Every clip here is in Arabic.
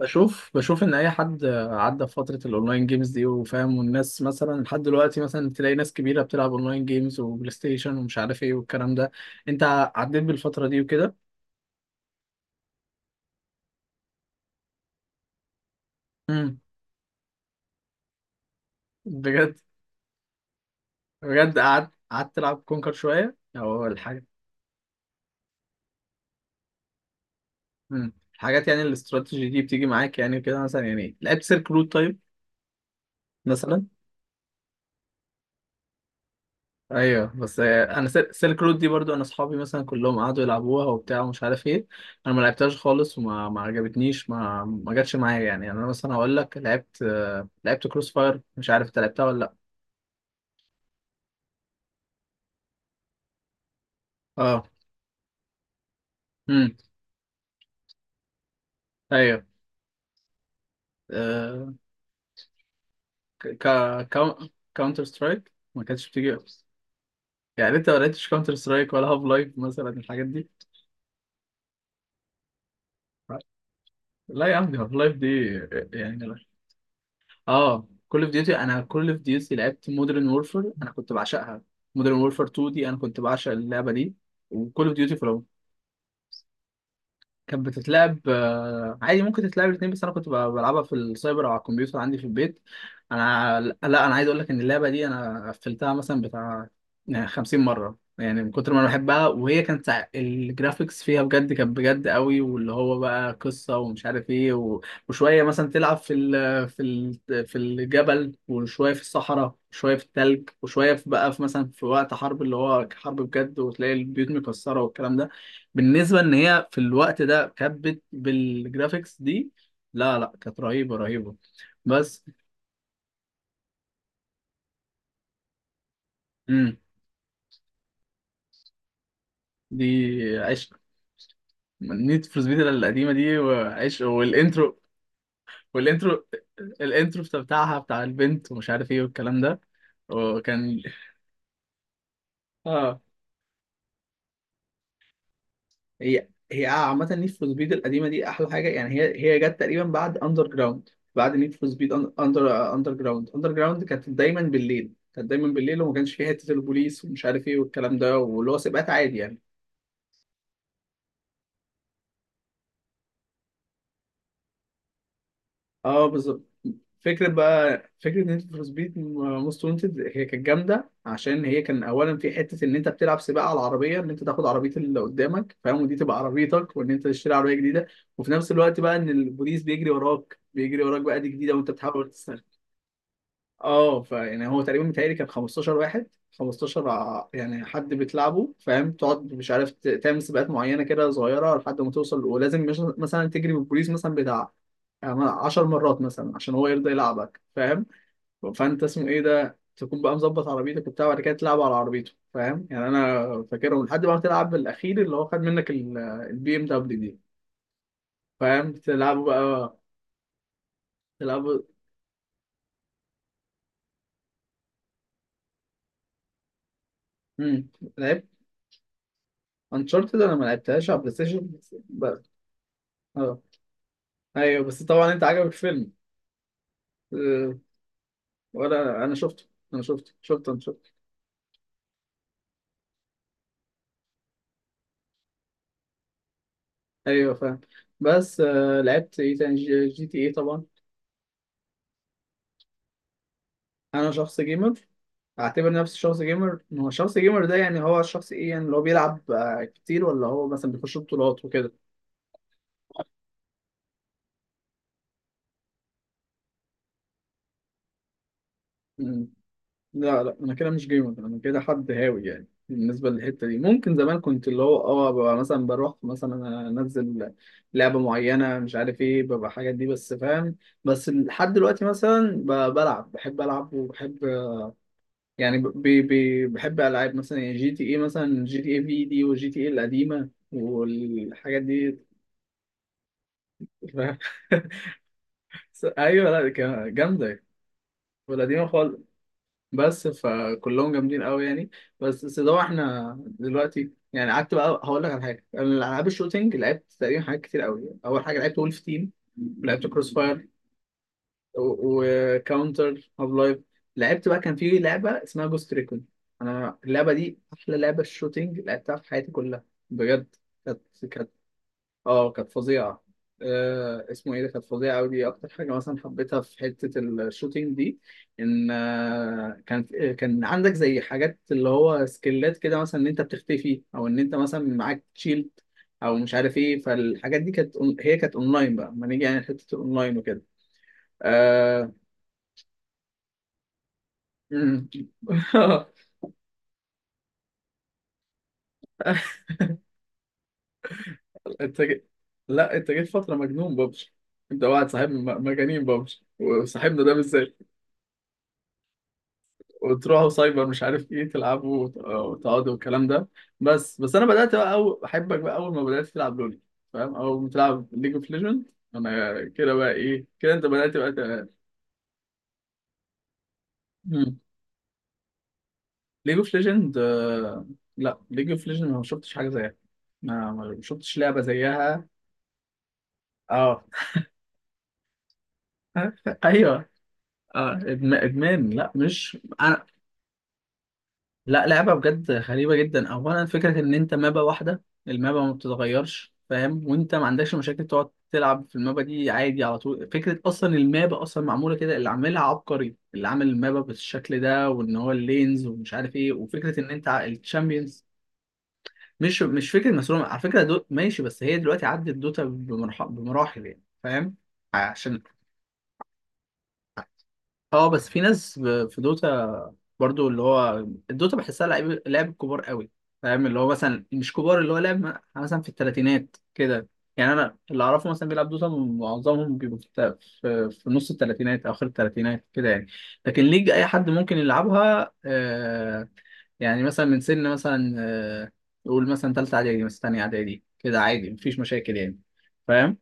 بشوف ان اي حد عدى في فتره الاونلاين جيمز دي وفاهم، والناس مثلا لحد دلوقتي مثلا تلاقي ناس كبيره بتلعب اونلاين جيمز وبلاي ستيشن ومش عارف ايه والكلام ده. انت عديت بالفتره دي وكده؟ امم بجد؟ بجد قعدت تلعب كونكر شويه او الحاجه؟ الحاجات يعني الاستراتيجي دي بتيجي معاك يعني كده مثلا؟ يعني لعبت سيرك رود طيب مثلا؟ ايوه، بس انا سيلك رود دي برضو انا اصحابي مثلا كلهم قعدوا يلعبوها وبتاع ومش عارف ايه. انا ما لعبتهاش خالص، وما ما عجبتنيش، ما جاتش معايا يعني. يعني انا مثلا هقول لك لعبت لعبت كروس فاير، مش عارف انت لعبتها ولا لا. اه. امم. ايوه. آه، ك ك- كاونتر سترايك ما كانتش بتيجي؟ يعني انت ما لعبتش كاونتر سترايك ولا هاف لايف مثلا الحاجات دي؟ لا يا عم دي هاف لايف دي يعني. اه، كول اوف ديوتي، انا كول اوف ديوتي لعبت مودرن وورفير، انا كنت بعشقها. مودرن وورفير 2 دي انا كنت بعشق اللعبه دي، وكول اوف ديوتي كانت بتتلعب. عادي ممكن تتلعب الاثنين، بس انا كنت بلعبها في السايبر او على الكمبيوتر عندي في البيت. انا، لا انا عايز اقول لك ان اللعبه دي انا قفلتها مثلا بتاع يعني 50 مره، يعني من كتر ما انا بحبها. وهي كانت الجرافيكس فيها بجد كانت بجد قوي، واللي هو بقى قصه ومش عارف ايه و وشويه مثلا تلعب في الجبل، وشويه في الصحراء، وشويه في التلج، وشويه في بقى في مثلا في وقت حرب، اللي هو حرب بجد، وتلاقي البيوت مكسره والكلام ده. بالنسبه ان هي في الوقت ده كانت بالجرافيكس دي، لا لا كانت رهيبه رهيبه. بس امم دي عشق. نيد فور سبيد القديمه دي، وعشق والانترو، والانترو، الانترو بتاعها بتاع البنت ومش عارف ايه والكلام ده. وكان، اه هي عامة نيد فور سبيد القديمة دي أحلى حاجة يعني. هي جت تقريبا بعد أندر جراوند. بعد نيد فور سبيد أندر جراوند، أندر جراوند كانت دايما بالليل، كانت دايما بالليل، وما كانش فيها حتة البوليس ومش عارف إيه والكلام ده، واللي هو سباقات عادي يعني. أه بالظبط. فكرة بقى، فكرة نيد فور سبيد موست وانتد هي كانت جامدة عشان هي كان أولا في حتة إن أنت بتلعب سباق على العربية، إن أنت تاخد عربية اللي قدامك فاهم، ودي تبقى عربيتك، وإن أنت تشتري عربية جديدة. وفي نفس الوقت بقى إن البوليس بيجري وراك، بيجري وراك بقى دي جديدة، وأنت بتحاول. اه، فيعني هو تقريبا متهيألي كان 15 واحد، 15 يعني حد بتلعبه فاهم، تقعد مش عارف تعمل سباقات معينه كده صغيره لحد ما توصل، ولازم مش مثلا تجري بالبوليس مثلا بتاع يعني 10 مرات مثلا عشان هو يرضى يلعبك فاهم. فانت اسمه ايه ده تكون بقى مظبط عربيتك وبتاع، وبعد كده تلعب على عربيته فاهم. يعني انا فاكرهم لحد ما تلعب بالاخير اللي هو خد منك البي ام دبليو دي، فاهم؟ تلعبوا بقى، تلعبوا. امم. لعبت انشارتد، انا ما لعبتهاش على بلاي ستيشن بقى. ايوه بس طبعا انت عجبك الفيلم؟ أه، ولا انا شفته، انا شفته، انا شفته. ايوه فاهم. بس لعبت ايه تاني؟ جي تي ايه طبعا. انا شخص جيمر، اعتبر نفسي شخص جيمر. ما هو الشخص جيمر ده يعني هو الشخص ايه يعني؟ اللي هو بيلعب كتير، ولا هو مثلا بيخش بطولات وكده؟ لا لا انا كده مش جيمر، انا كده حد هاوي يعني. بالنسبه للحته دي ممكن زمان كنت اللي هو اه ببقى مثلا بروح مثلا انزل لعبه معينه مش عارف ايه، ببقى الحاجات دي بس، فاهم. بس لحد دلوقتي مثلا بلعب، بحب العب وبحب يعني ب بحب العاب مثلا يعني جي تي اي، مثلا جي تي اي في دي وجي تي اي القديمه والحاجات دي. فاهم؟ ايوه لا جامده، والقديمه خالص. بس فكلهم جامدين قوي يعني. بس سيدو احنا دلوقتي يعني قعدت بقى هقول لك على حاجه. انا العاب الشوتينج لعبت تقريبا حاجات كتير قوي. اول حاجه لعبت وولف تيم، ولعبت كروس فاير، وكاونتر هاف لايف، لعبت بقى كان في لعبه اسمها جوست ريكون. انا اللعبه دي احلى لعبه شوتينج لعبتها في حياتي كلها، بجد. كانت كانت اه كانت فظيعة. آه اسمه ايه ده كانت فظيعة أوي. دي أكتر حاجة مثلا حبيتها في حتة الشوتينج دي. إن آه كانت كان عندك زي حاجات اللي هو سكيلات كده، مثلا إن أنت بتختفي، أو إن أنت مثلا معاك شيلد، أو مش عارف ايه. فالحاجات دي كانت هي كانت أونلاين بقى، ما نيجي يعني حتة الأونلاين وكده. آه... مم. انت جي- لا انت جيت فترة مجنون ببجي. انت واحد صاحبنا مجانين ببجي، وصاحبنا ده بالذات. وتروحوا سايبر مش عارف ايه تلعبوا وتقعدوا والكلام ده. بس، بس انا بدات بقى أو احبك بقى اول ما بدات تلعب لول، فاهم، او بتلعب ليج اوف ليجند. انا كده بقى ايه، كده انت بدات بقى مم. ليج اوف ليجند لا ليج اوف ليجند ما شفتش حاجه زيها، ما شفتش لعبه زيها. اه. ايوه. اه ادمان، لا مش انا، لا. لعبة بجد غريبة جدا. أولا فكرة إن أنت مابا واحدة، المابا ما بتتغيرش، فاهم، وأنت ما عندكش مشاكل تقعد تلعب في المابا دي عادي على طول. فكرة أصلا المابا أصلا معمولة كده، اللي عاملها عبقري، اللي عامل المابا بالشكل ده، وإن هو اللينز ومش عارف إيه، وفكرة إن أنت الشامبيونز. مش فكرة مسروقة على فكرة، ماشي، بس هي دلوقتي عدت دوتا بمراحل يعني، فاهم. عشان اه بس في ناس في دوتا، برضو اللي هو الدوتا بحسها لعيب لعب كبار قوي، فاهم اللي هو مثلا مش كبار، اللي هو لعب مثلا في الثلاثينات كده. يعني انا اللي اعرفه مثلا بيلعب دوتا معظمهم بيبقوا في في نص الثلاثينات، اخر الثلاثينات كده يعني. لكن ليج اي حد ممكن يلعبها. يعني مثلا من سن مثلا نقول مثلا ثالثه اعدادي، مثلا ثانيه اعدادي كده عادي، مفيش مشاكل يعني، فاهم.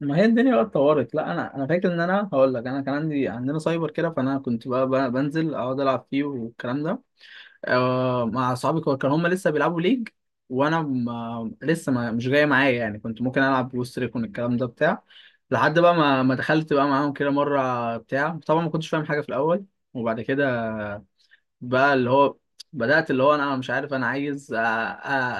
ما هي الدنيا بقى اتطورت. لا انا فاكر ان انا هقول لك انا كان عندي، عندنا سايبر كده، فانا كنت بقى بنزل اقعد العب فيه والكلام ده. آه مع اصحابي كانوا هم لسه بيلعبوا ليج، وانا ما لسه ما مش جاي معايا يعني. كنت ممكن العب بوست ريكون الكلام ده بتاع، لحد بقى ما دخلت بقى معاهم كده مره بتاع، طبعا ما كنتش فاهم حاجه في الاول. وبعد كده بقى اللي هو بدأت اللي هو انا مش عارف انا عايز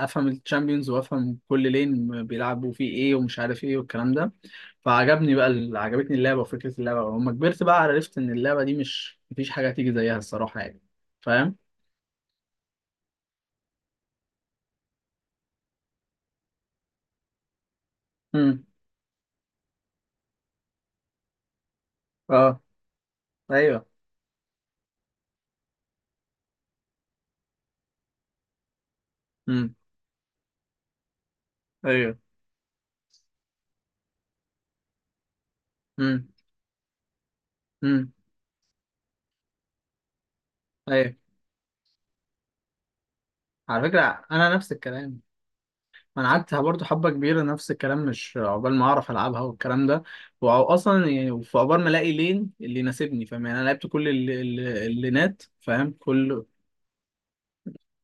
افهم الشامبيونز وافهم كل لين بيلعبوا فيه ايه ومش عارف ايه والكلام ده. فعجبني بقى عجبتني اللعبة وفكرة اللعبة. ولما كبرت بقى عرفت إن اللعبة دي مش، مفيش حاجة تيجي زيها الصراحة يعني، فاهم؟ امم. اه. ايوه. امم. ايوه. امم. امم. ايوه. على فكرة أنا نفس الكلام، أنا قعدت برضه حبة كبيرة نفس الكلام، مش عقبال ما أعرف ألعبها والكلام ده. وأصلا يعني في عقبال ما ألاقي لين اللي يناسبني، فاهم يعني أنا لعبت كل اللينات، فاهم، كل.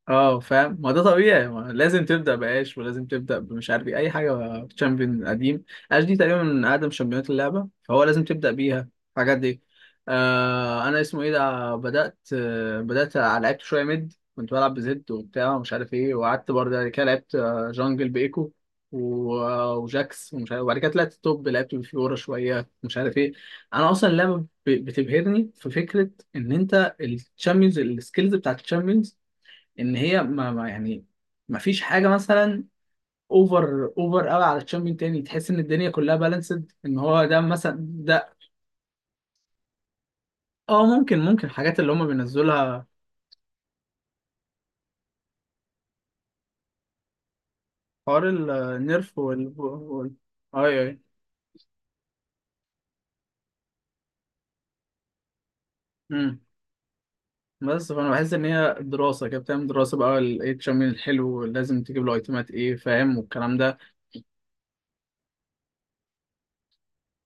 اه فاهم، ما ده طبيعي، ما لازم تبدا باش، ولازم تبدا بمش عارف ايه اي حاجه تشامبيون قديم. اش دي تقريبا من اقدم شامبيونات اللعبه، فهو لازم تبدا بيها الحاجات دي. انا اسمه ايه ده بدات بدات لعبت شويه ميد، كنت بلعب بزد وبتاع ومش عارف ايه، وقعدت برضه بعد كده لعبت جانجل بايكو و- آه، وجاكس ومش عارف. وبعد كده طلعت توب، لعبت بفيورا شويه مش عارف ايه. انا اصلا اللعبه بتبهرني في فكره ان انت الشامبيونز، السكيلز بتاعت الشامبيونز، ان هي يعني ما فيش حاجه مثلا اوفر قوي على تشامبيون تاني تحس ان الدنيا كلها بالانسد، ان هو ده مثلا ده. اه ممكن، ممكن الحاجات اللي هم بينزلها، حوار النيرف اي اي. امم. بس فانا بحس ان هي دراسه كده، بتعمل دراسه بقى ايه التشامبيون الحلو لازم تجيب له ايتمات ايه، فاهم، والكلام ده.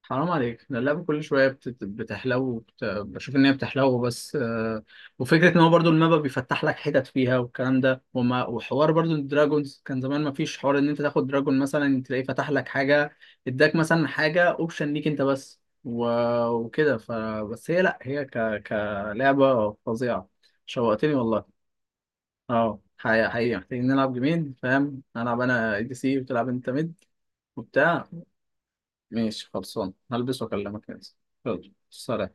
حرام عليك، ده اللعبة كل شوية بتحلو بشوف إن هي بتحلو، بس وفكرة إن هو برضو الماب بيفتح لك حتت فيها والكلام ده، وحوار برضو الدراجونز، كان زمان ما فيش حوار إن أنت تاخد دراجون مثلا تلاقيه فتح لك حاجة، إداك مثلا حاجة أوبشن ليك أنت بس، وكده بس هي لأ هي كلعبة فظيعة. شوقتني والله. أه حقيقة، حقيقة محتاجين نلعب جيمين، فاهم، ألعب أنا دي سي وتلعب أنت ميد وبتاع. ماشي خلصان، هلبس واكلمك يا زين. يلا سلام.